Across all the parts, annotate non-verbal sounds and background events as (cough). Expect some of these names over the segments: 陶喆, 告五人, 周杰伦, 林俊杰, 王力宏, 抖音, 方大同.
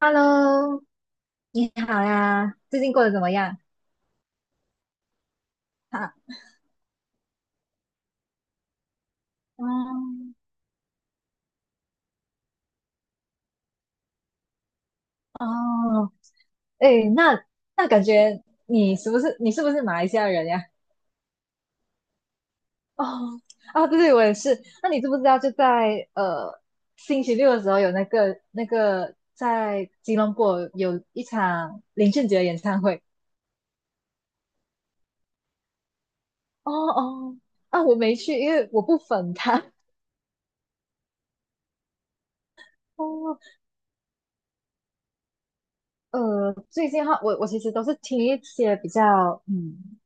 Hello，你好呀，最近过得怎么样？哈，嗯，哦，哎，那那感觉你是不是马来西亚人呀？哦，啊，对对，我也是。那你知不知道，就在星期六的时候有那个在吉隆坡有一场林俊杰的演唱会？哦哦，啊，我没去，因为我不粉他。(laughs) 哦，最近的话，我其实都是听一些比较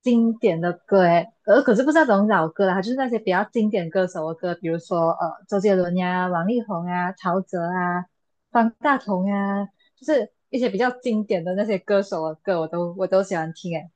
经典的歌诶，可是不是那种老歌啦，就是那些比较经典歌手的歌，比如说周杰伦呀、王力宏啊、陶喆啊、方大同呀，就是一些比较经典的那些歌手的歌，我都喜欢听诶。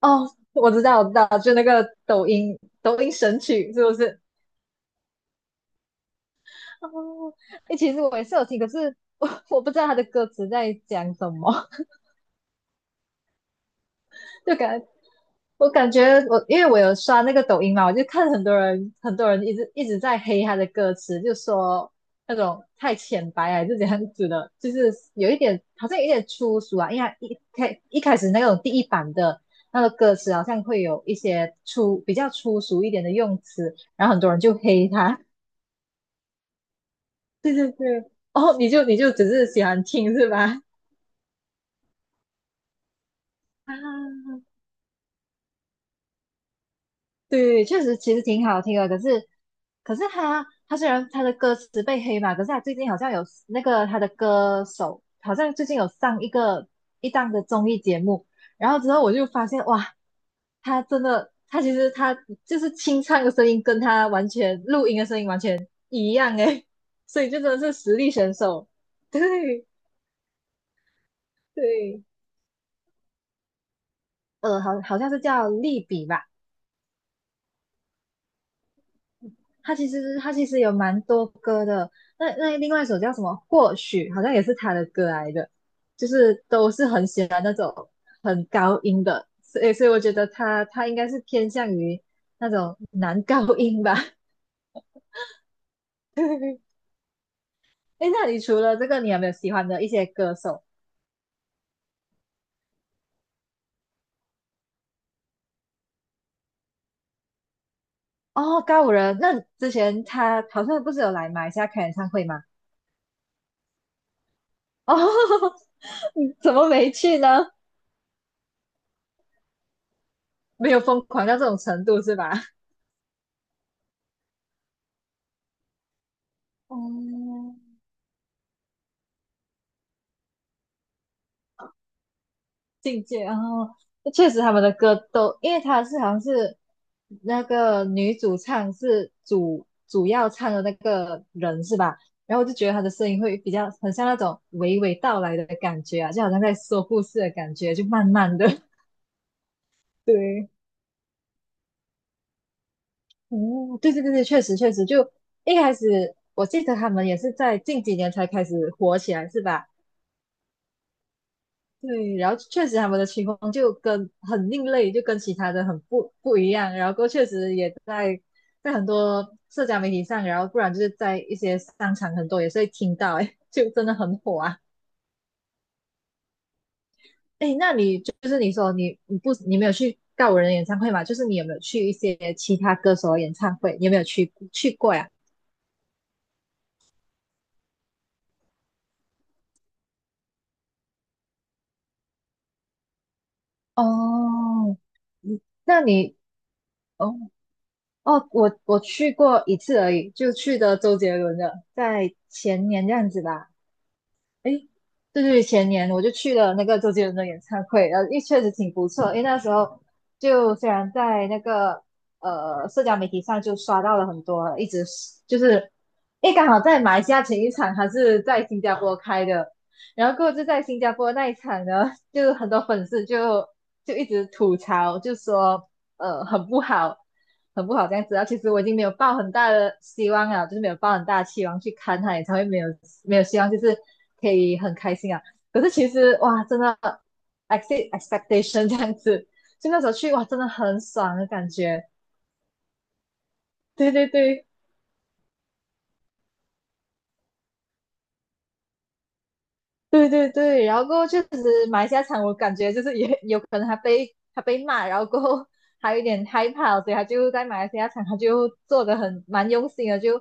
哦，我知道，就那个抖音神曲是不是？哦，诶，其实我也是有听，可是我不知道他的歌词在讲什么。就感我感觉我因为我有刷那个抖音嘛，我就看很多人一直在黑他的歌词，就说那种太浅白啊还是怎样子的，就是有一点好像有一点粗俗啊，因为他一开一开始那种第一版的。那个歌词好像会有一些比较粗俗一点的用词，然后很多人就黑他。(laughs) 对对对，哦，你就只是喜欢听是吧？啊，对对确实其实挺好听的，可是他虽然他的歌词被黑嘛，可是他最近好像有那个他的歌手好像最近有上一档的综艺节目，然后之后我就发现哇，他真的他其实他就是清唱的声音跟他完全录音的声音完全一样诶，(laughs) 所以就真的是实力选手，对对，好像是叫利比吧。他其实有蛮多歌的，那另外一首叫什么？或许好像也是他的歌来的，就是都是很喜欢那种很高音的，所以我觉得他应该是偏向于那种男高音吧。(laughs) 哎，那你除了这个，你有没有喜欢的一些歌手？哦，高五人，那之前他好像不是有来马来西亚开演唱会吗？哦，(laughs) 你怎么没去呢？没有疯狂到这种程度是吧？哦，境界。然后确实他们的歌都，因为他好像是那个女主唱是主要唱的那个人是吧？然后我就觉得她的声音会比较很像那种娓娓道来的感觉啊，就好像在说故事的感觉，就慢慢的。(laughs) 对，哦，对对对对，确实确实，就一开始我记得他们也是在近几年才开始火起来是吧？对，然后确实他们的曲风就跟很另类，就跟其他的很不一样。然后过后确实也在很多社交媒体上，然后不然就是在一些商场很多也是会听到，哎，(laughs) 就真的很火啊。哎，那你就是你说你你不你没有去告五人的演唱会嘛？就是你有没有去一些其他歌手的演唱会？你有没有去过呀？哦，嗯那你哦哦，我去过一次而已，就去的周杰伦的，在前年这样子吧。诶，对对，前年我就去了那个周杰伦的演唱会，然后也确实挺不错。因为那时候就虽然在那个社交媒体上就刷到了很多，一直是就是，诶，刚好在马来西亚前一场还是在新加坡开的，然后过后就在新加坡那一场呢，就很多粉丝就一直吐槽，就说很不好，很不好这样子啊。其实我已经没有抱很大的希望了，就是没有抱很大的期望去看他演唱会，没有希望，就是可以很开心啊。可是其实哇，真的 e x c e expectation 这样子，就那时候去哇，真的很爽的感觉。对对对，对对对，然后过后确实马来西亚场，我感觉就是也 (laughs) 有可能他被骂，然后过后还有点害怕，所以他就在马来西亚场，他就做的很蛮用心的，就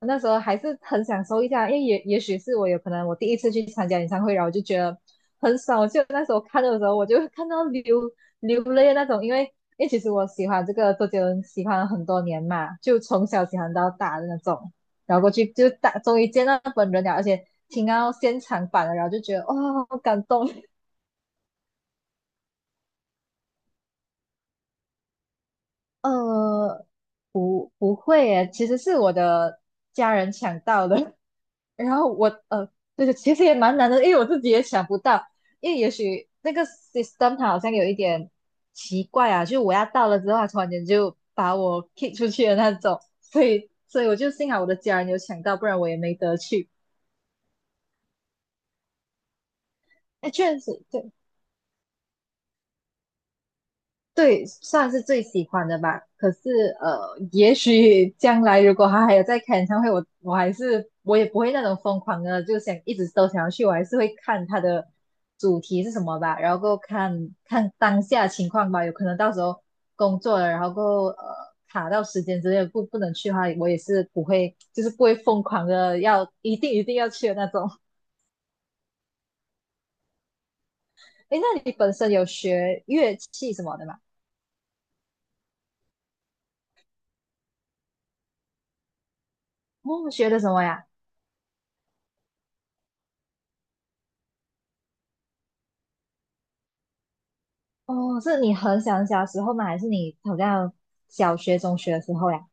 那时候还是很享受一下，因为也许是我有可能我第一次去参加演唱会，然后我就觉得很爽，就那时候看的时候，我就看到流泪的那种，因为其实我喜欢周杰伦喜欢了很多年嘛，就从小喜欢到大的那种。然后过去就大终于见到本人了，而且听到现场版了，然后就觉得哇、好感动。(laughs) 呃，不会耶，其实是我的家人抢到的，(laughs) 然后对对，其实也蛮难的，因为我自己也想不到，因为也许那个 system 它好像有一点奇怪啊，就我要到了之后，它突然间就把我 kick 出去的那种，所以我就幸好我的家人有抢到，不然我也没得去。哎，确实，对，对，算是最喜欢的吧。可是，也许 (laughs) 将来如果他还有在开演唱会，我我也不会那种疯狂的，就想一直都想要去，我还是会看他的主题是什么吧，然后够看看当下情况吧。有可能到时候工作了，然后够卡到时间之类的不能去的话，我也是不会，就是不会疯狂的要一定要去的那种。诶，那你本身有学乐器什么的吗？哦，学的什么呀？哦，是你很小时候吗？还是你好像小学、中学的时候呀？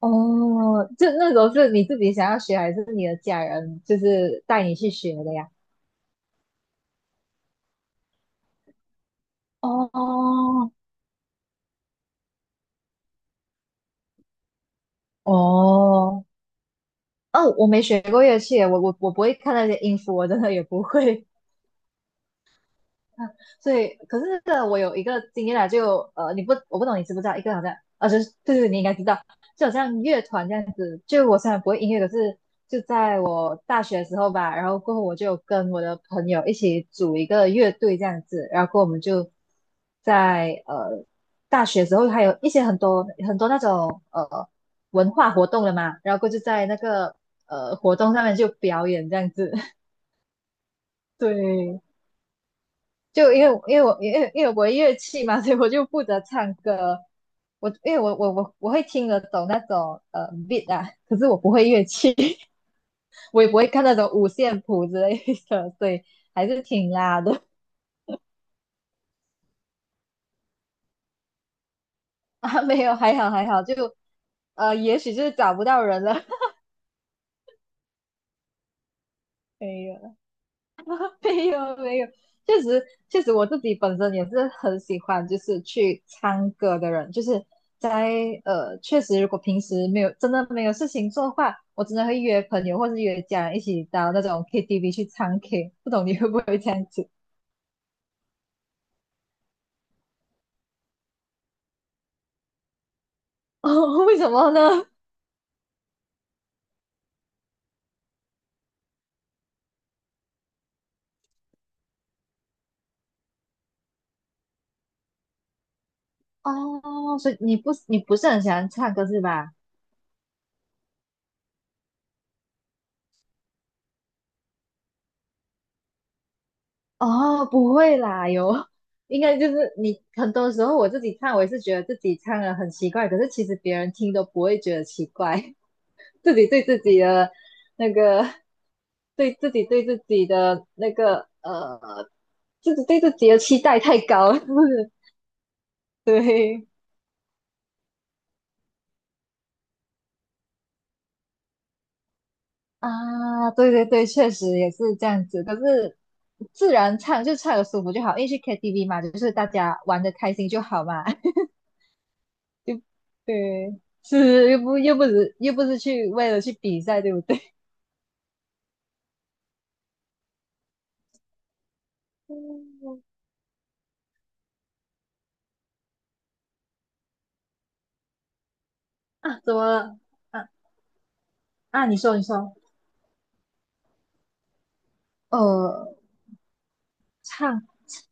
哦，就那时候是你自己想要学，还是你的家人就是带你去学的呀？哦哦哦，我没学过乐器耶我不会看那些音符，我真的也不会。所以，可是这个我有一个经验啦，就呃，你不，我不懂你知不知道，一个好像，啊，就是对对，你应该知道，就好像乐团这样子。就我虽然不会音乐，可是就在我大学的时候吧，然后过后我就跟我的朋友一起组一个乐队这样子，然后过后我们就在大学的时候还有一些很多那种文化活动了嘛，然后过后就在那个活动上面就表演这样子，(laughs) 对。就因为我乐器嘛，(laughs) 所以我就负责唱歌。因为我会听得懂那种beat 啊，可是我不会乐器，(laughs) 我也不会看那种五线谱之类的，所以还是挺拉的 (laughs) 啊。没有，还好还好，就也许就是找不到人了。(laughs) 没有。(laughs) 没有没有，确实确实我自己本身也是很喜欢就是去唱歌的人，就是在确实如果平时没有没有事情做的话，我真的会约朋友或是约家人一起到那种 KTV 去唱 K，不懂你会不会这样子？(laughs) 哦，为什么呢？哦，所以你不是很喜欢唱歌是吧？哦，不会啦，有，应该就是你很多时候我自己唱，我也是觉得自己唱的很奇怪，可是其实别人听都不会觉得奇怪。自己对自己的那个，对自己的那个,自己对自己的期待太高了，(laughs) 是不是？对啊，对对对，确实也是这样子。可是自然唱就唱的舒服就好，因为去 KTV 嘛，就是大家玩的开心就好嘛，(laughs) 就对，是又不是去为了去比赛，对不对？(laughs) 嗯啊，怎么了？啊啊，你说，呃。唱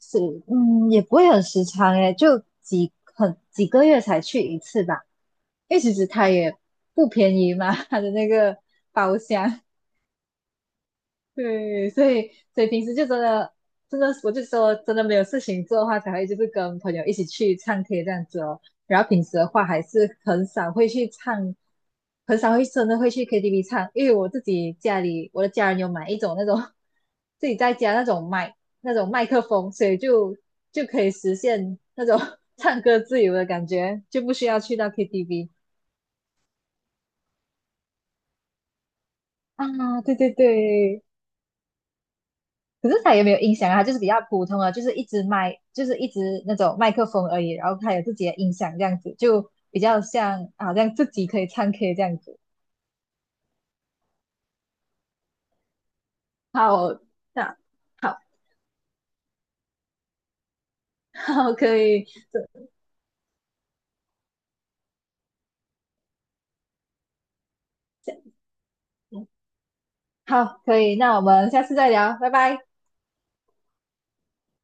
是嗯，也不会很时常诶，就很几个月才去一次吧。因为其实它也不便宜嘛，它的那个包厢。(laughs) 对，所以平时就真的，我就说真的没有事情做的话，才会就是跟朋友一起去唱 K 这样子哦。然后平时的话，还是很少会去唱，很少会会去 KTV 唱，因为我自己家里我的家人有买一种那种 (laughs) 自己在家那种麦克风，就就可以实现那种 (laughs) 唱歌自由的感觉，就不需要去到 KTV 啊。对对对，可是他也没有音响啊，他就是比较普通啊，就是一支麦，就是一支那种麦克风而已，然后他有自己的音响这样子，就比较像好像自己可以唱 K 这样子。好，那好，(laughs) 好可以，这好可以，那我们下次再聊，拜拜。